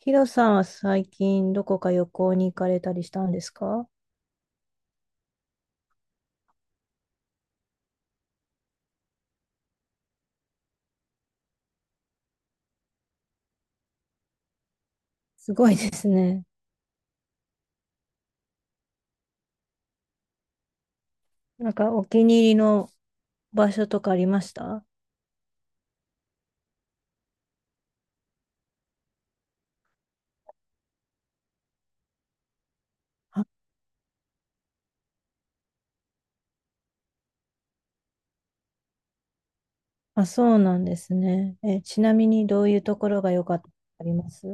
ヒロさんは最近どこか旅行に行かれたりしたんですか？すごいですね。お気に入りの場所とかありました？あ、あ、そうなんですね。え、ちなみにどういうところが良かったとかあります？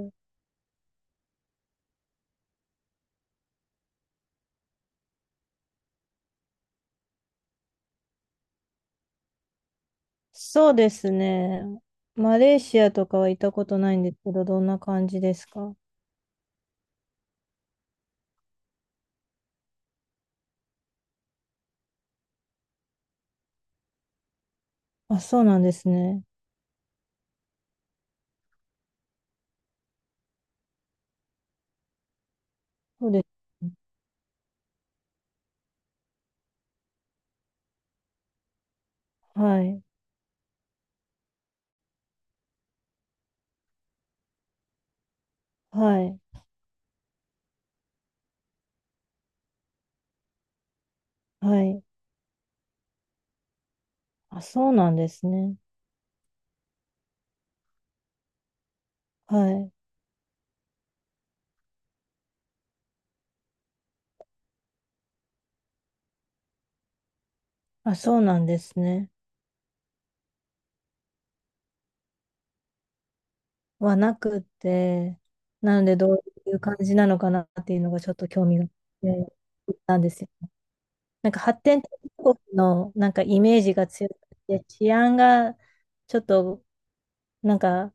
そうですね。マレーシアとかは行ったことないんですけど、どんな感じですか？あ、そうなんですね。そうですね。はい。はい。はい。あ、そうなんですね。はい。あ、そうなんですね。はなくって、なのでどういう感じなのかなっていうのがちょっと興味があって行ったんですよ。発展途上国のイメージが強くて、治安がちょっとなんか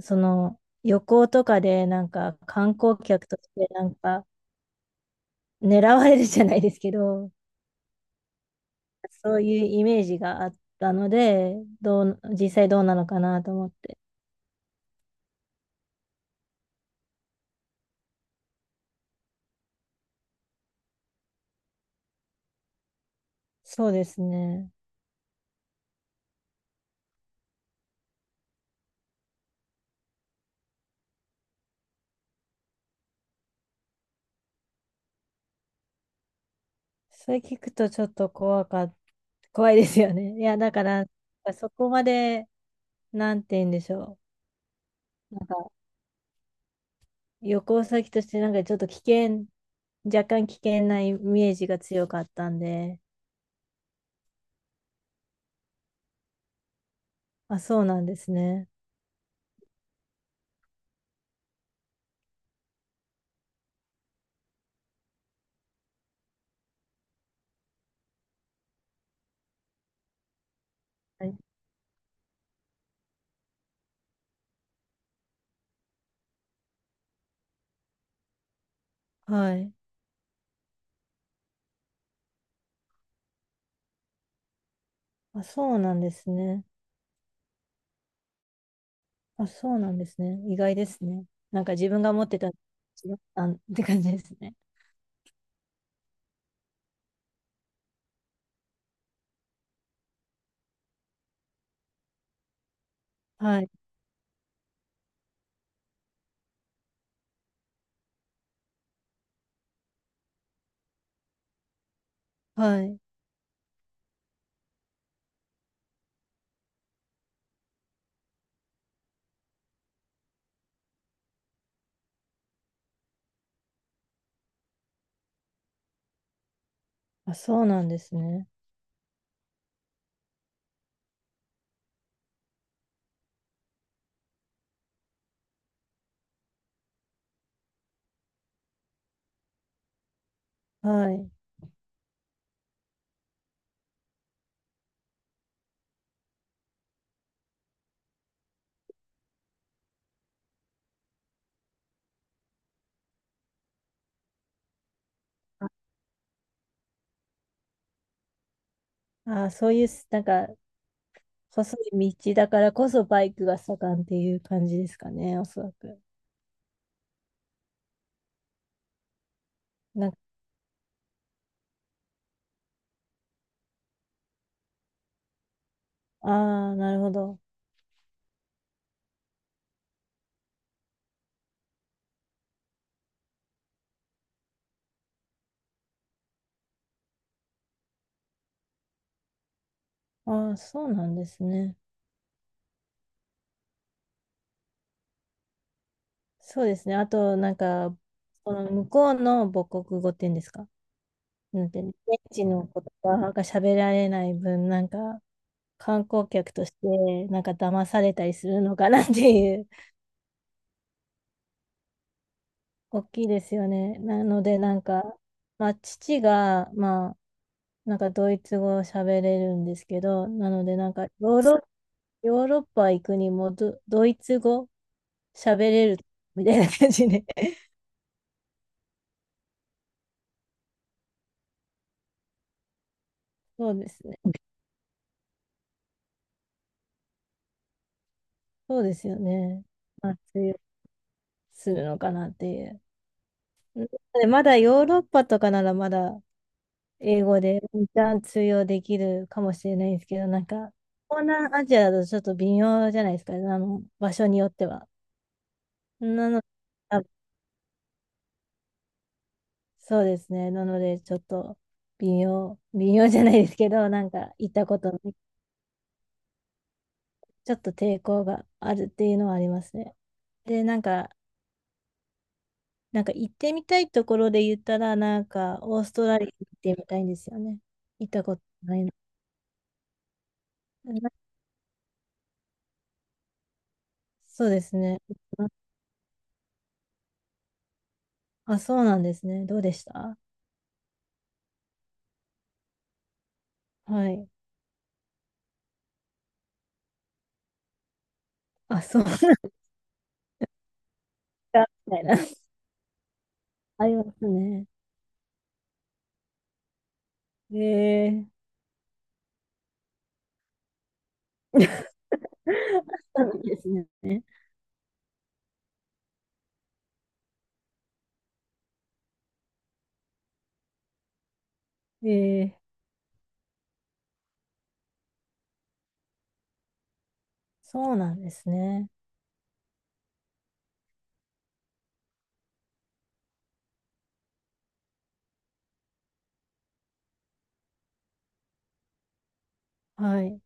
その旅行とかで観光客として狙われるじゃないですけど、そういうイメージがあったので、どう、実際どうなのかなと思って。そうですね。それ聞くとちょっと怖かっ怖いですよね。いや、だから、そこまで、なんて言うんでしょう。旅行先として、なんかちょっと危険、若干危険なイメージが強かったんで、あ、そうなんですね。はいはい。あ、そうなんですね。あ、そうなんですね。意外ですね。なんか自分が持ってた、違ったんって感じですね。はい。はい。あ、そうなんですね。はい。あ、そういう、なんか、細い道だからこそバイクが盛んっていう感じですかね、おそらく。なんか、ああ、なるほど。ああ、そうなんですね。そうですね。あと、なんか、この向こうの母国語っていうんですか。なんていうの、現地の言葉が喋られない分、なんか、観光客として、なんか騙されたりするのかなっていう、大きいですよね。なので、なんか、まあ、父が、まあ、なんかドイツ語を喋れるんですけど、なのでなんかヨーロッパ行くにもドイツ語喋れるみたいな感じで。そうですね。そうですよね。まあ、通用するのかなっていう。でまだヨーロッパとかならまだ英語で一旦通用できるかもしれないですけど、なんか、東南アジアだとちょっと微妙じゃないですか、あの、場所によっては。なの、あ、そうですね。なので、ちょっと微妙じゃないですけど、なんか行ったことない、ちょっと抵抗があるっていうのはありますね。で、なんか行ってみたいところで言ったら、なんか、オーストラリア行ってみたいんですよね。行ったことないな。な、そうですね。あ、そうなんですね。どうでした？はい。あ、そうなんだ、みたいな。ありますね。ええ。 そうなんですね。ええ、そうなんですね。はい。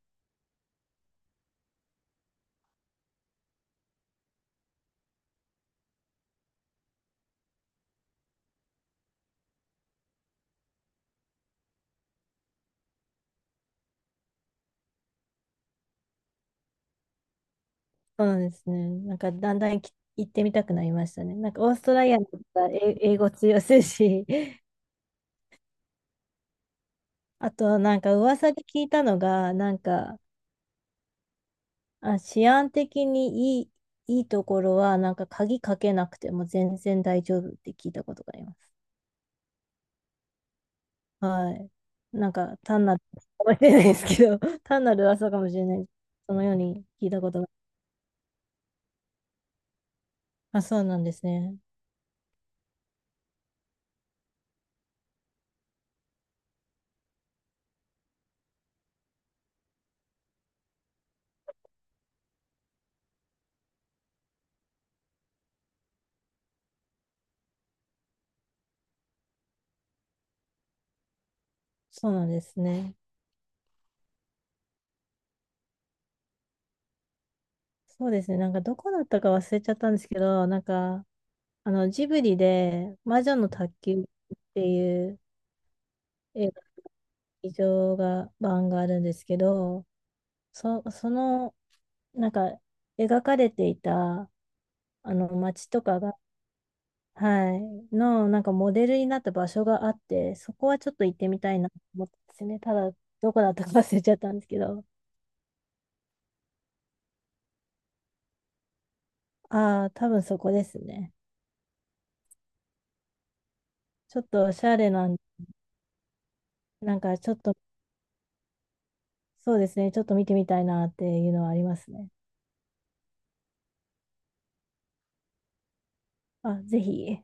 そうなんですね。なんか、だんだんき行ってみたくなりましたね。なんか、オーストラリアの方が英語通用するし、あと、なんか噂で聞いたのが、なんか、あ、治安的にいい、いいところは、なんか鍵かけなくても全然大丈夫って聞いたことがあります。はい。なんか、単なる噂かもしれないですけど、単なる噂かもしれない。そのように聞いたことが。あ、そうなんですね。そうなんですね。そうですね。なんか、どこだったか忘れちゃったんですけど、なんか、あの、ジブリで、魔女の宅急便っていう映画、劇場が、版があるんですけど、その、なんか、描かれていた、あの、街とかが、はい、の、なんかモデルになった場所があって、そこはちょっと行ってみたいなと思ったんですね。ただ、どこだったか忘れちゃったんですけど、ああ、多分そこですね。ちょっとおしゃれなん、なんかちょっと、そうですね、ちょっと見てみたいなっていうのはありますね。あ、ぜひ。